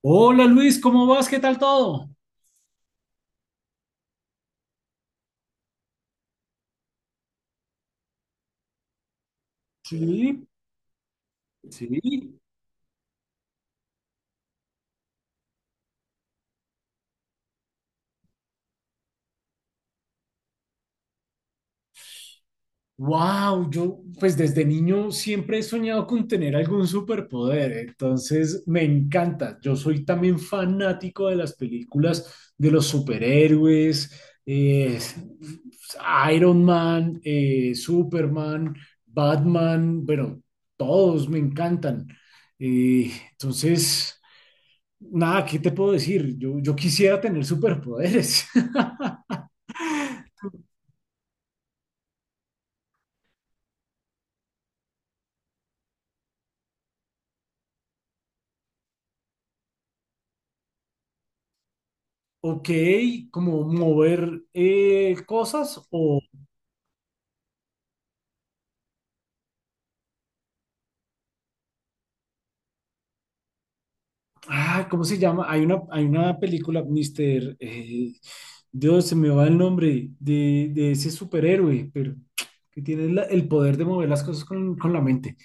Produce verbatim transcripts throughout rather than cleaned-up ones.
Hola Luis, ¿cómo vas? ¿Qué tal todo? Sí, sí. Wow, yo pues desde niño siempre he soñado con tener algún superpoder, entonces me encanta. Yo soy también fanático de las películas de los superhéroes, eh, Iron Man, eh, Superman, Batman, bueno, todos me encantan. Eh, entonces, nada, ¿qué te puedo decir? Yo, yo quisiera tener superpoderes. Ok, como mover eh, cosas o... Ah, ¿cómo se llama? Hay una, hay una película, Mister... eh, Dios, se me va el nombre de, de ese superhéroe, pero que tiene la- el poder de mover las cosas con, con la mente.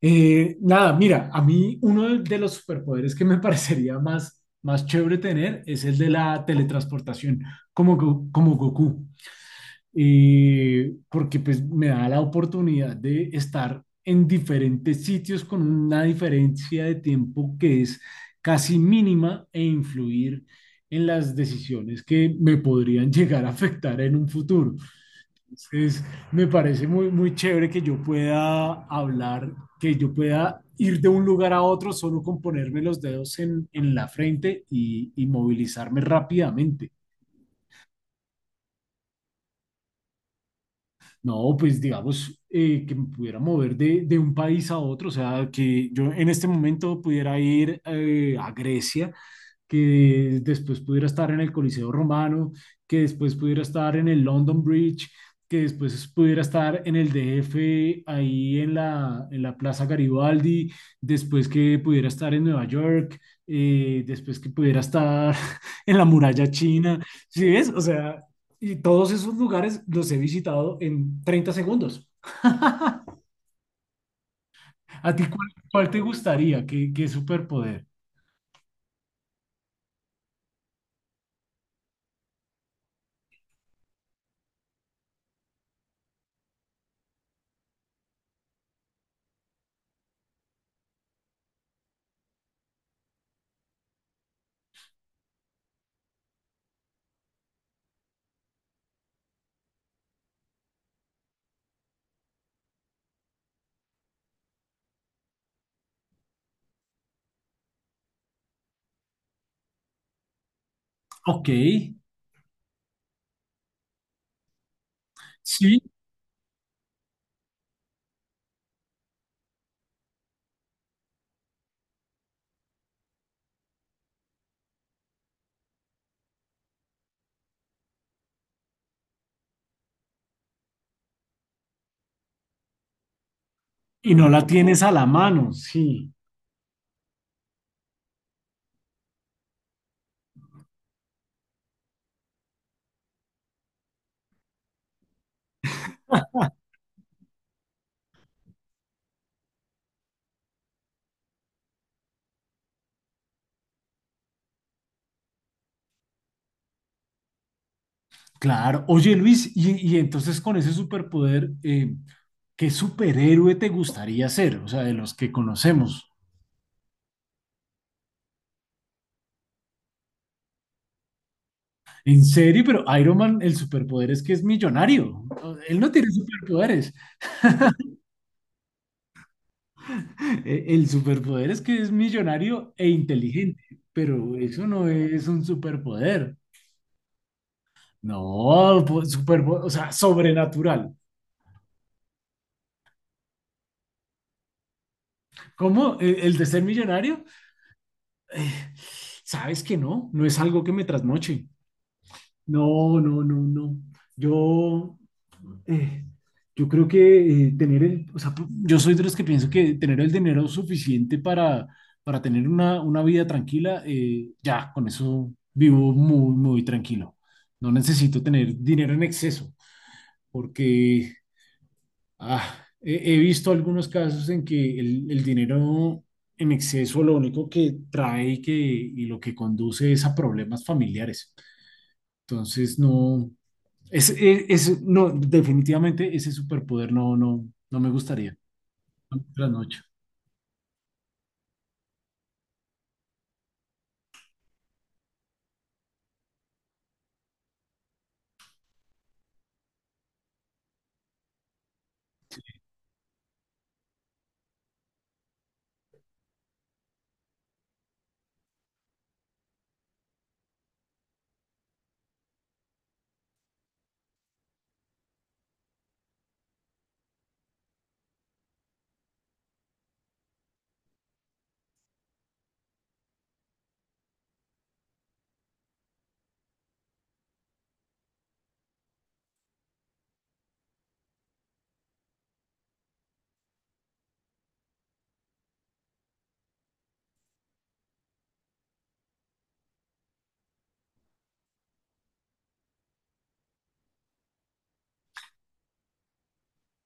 Eh, nada, mira, a mí uno de de los superpoderes que me parecería más, más chévere tener es el de la teletransportación, como, Go- como Goku. Eh, porque pues me da la oportunidad de estar en diferentes sitios con una diferencia de tiempo que es casi mínima e influir en las decisiones que me podrían llegar a afectar en un futuro. Entonces, me parece muy, muy chévere que yo pueda hablar, que yo pueda ir de un lugar a otro solo con ponerme los dedos en, en la frente y y movilizarme rápidamente. No, pues digamos eh, que me pudiera mover de, de un país a otro, o sea, que yo en este momento pudiera ir eh, a Grecia, que después pudiera estar en el Coliseo Romano, que después pudiera estar en el London Bridge, que después pudiera estar en el D F, ahí en la, en la Plaza Garibaldi, después que pudiera estar en Nueva York, eh, después que pudiera estar en la muralla china, ¿sí ves? O sea, y todos esos lugares los he visitado en treinta segundos. ¿A ti cuál, cuál te gustaría? ¿Qué, qué superpoder? Ok, sí. Y no la tienes a la mano, sí, claro. Oye, Luis, y, y entonces con ese superpoder, eh, ¿qué superhéroe te gustaría ser? O sea, de los que conocemos. En serio, pero Iron Man, el superpoder es que es millonario. O- Él no tiene superpoderes. Eh, El superpoder es que es millonario e inteligente, pero eso no es un superpoder. No, po- superpo- o sea, sobrenatural. ¿Cómo? ¿El el de ser millonario? eh, sabes que no, no es algo que me trasnoche. No, no, no, no. Yo, eh, yo creo que eh, tener el, o sea, pu- yo soy de los que pienso que tener el dinero suficiente para, para tener una, una vida tranquila, eh, ya, con eso vivo muy, muy tranquilo. No necesito tener dinero en exceso, porque Ah, he, he visto algunos casos en que el, el dinero en exceso lo único que trae y, que, y lo que conduce es a problemas familiares. Entonces, no, es, es- es- no, definitivamente ese superpoder no, no, no me gustaría. La noche.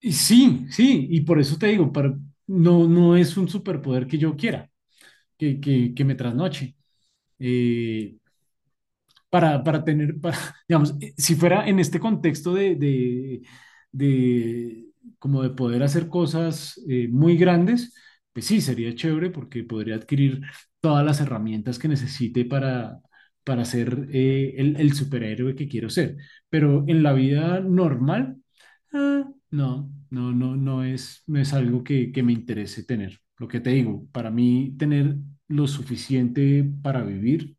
Y sí, sí, y por eso te digo, para- no, no es un superpoder que yo quiera, que, que, que me trasnoche. Eh, para, para tener, para, digamos, eh, si fuera en este contexto de, de, de como de poder hacer cosas eh, muy grandes, pues sí, sería chévere porque podría adquirir todas las herramientas que necesite para, para ser eh, el, el superhéroe que quiero ser. Pero en la vida normal, ah, no, no, no, no es, no es algo que, que me interese tener. Lo que te digo, para mí tener lo suficiente para vivir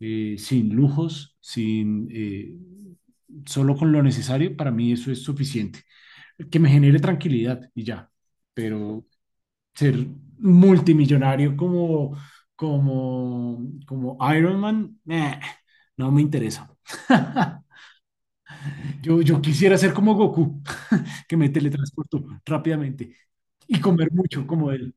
eh, sin lujos, sin, eh, solo con lo necesario, para mí eso es suficiente. Que me genere tranquilidad y ya. Pero ser multimillonario como, como, como Iron Man, eh, no me interesa. Yo, yo quisiera ser como Goku, que me teletransporto rápidamente y comer mucho como él.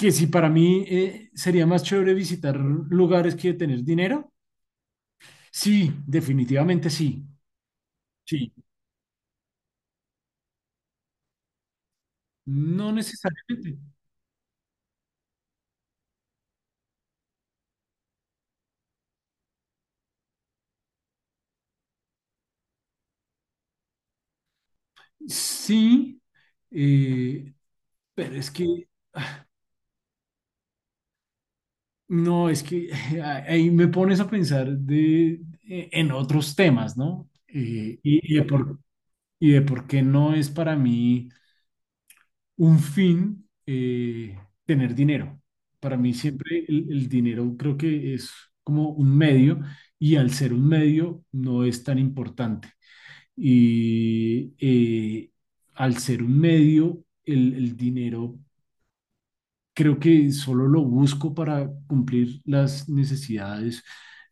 Que si para mí eh, sería más chévere visitar lugares que tener dinero, sí, definitivamente sí. Sí, no necesariamente. Sí, eh, pero es que, no, es que ahí me pones a pensar de, eh, en otros temas, ¿no? Eh, y, y de por, y de por qué no es para mí un fin eh, tener dinero. Para mí siempre el, el dinero creo que es como un medio y al ser un medio no es tan importante. Y eh, Al ser un medio, el, el dinero creo que solo lo busco para cumplir las necesidades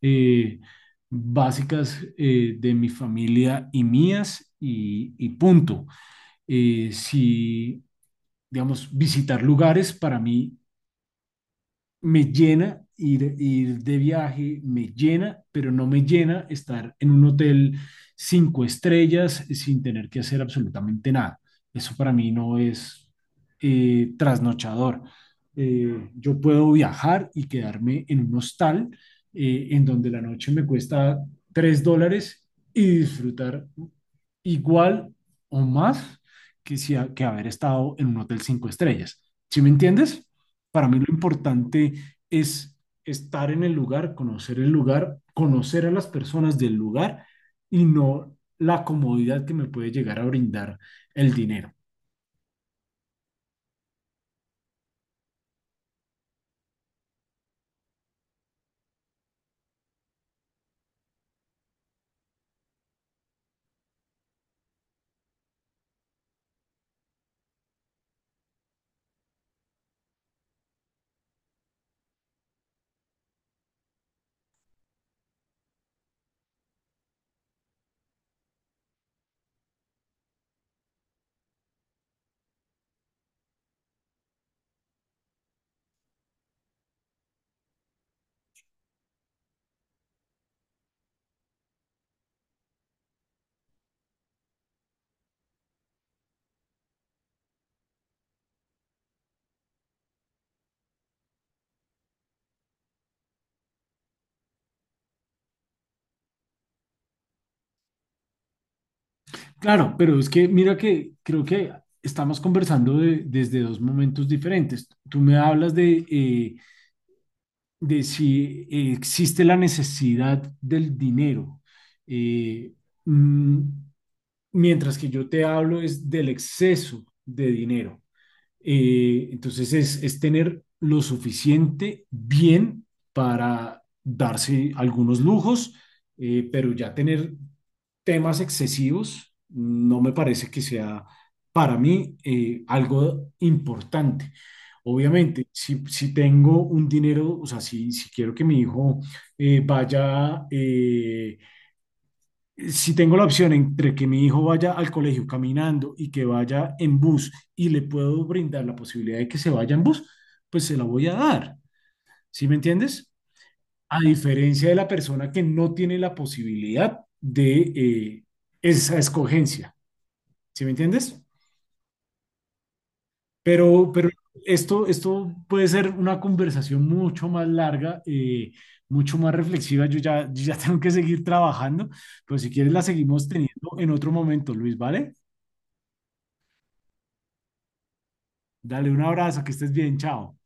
eh, básicas eh, de mi familia y mías y, y punto. Eh, si, digamos, visitar lugares para mí me llena ir, ir de viaje, me llena, pero no me llena estar en un hotel cinco estrellas sin tener que hacer absolutamente nada. Eso para mí no es eh, trasnochador. Eh, yo puedo viajar y quedarme en un hostal eh, en donde la noche me cuesta tres dólares y disfrutar igual o más que, si ha- que haber estado en un hotel cinco estrellas. ¿Sí me entiendes? Para mí lo importante es estar en el lugar, conocer el lugar, conocer a las personas del lugar y no la comodidad que me puede llegar a brindar el dinero. Claro, pero es que mira que creo que estamos conversando de- desde dos momentos diferentes. Tú me hablas de eh, de si eh, existe la necesidad del dinero. Eh, mm, Mientras que yo te hablo es del exceso de dinero. Eh, entonces es, es tener lo suficiente bien para darse algunos lujos, eh, pero ya tener temas excesivos no me parece que sea para mí eh, algo importante. Obviamente, si, si tengo un dinero, o sea, si, si quiero que mi hijo eh, vaya, eh, si tengo la opción entre que mi hijo vaya al colegio caminando y que vaya en bus y le puedo brindar la posibilidad de que se vaya en bus, pues se la voy a dar. ¿Sí me entiendes? A diferencia de la persona que no tiene la posibilidad de eh, esa escogencia. ¿Sí me entiendes? Pero, pero esto, esto puede ser una conversación mucho más larga, eh, mucho más reflexiva. Yo ya, yo ya tengo que seguir trabajando, pero si quieres la seguimos teniendo en otro momento, Luis, ¿vale? Dale un abrazo, que estés bien, chao.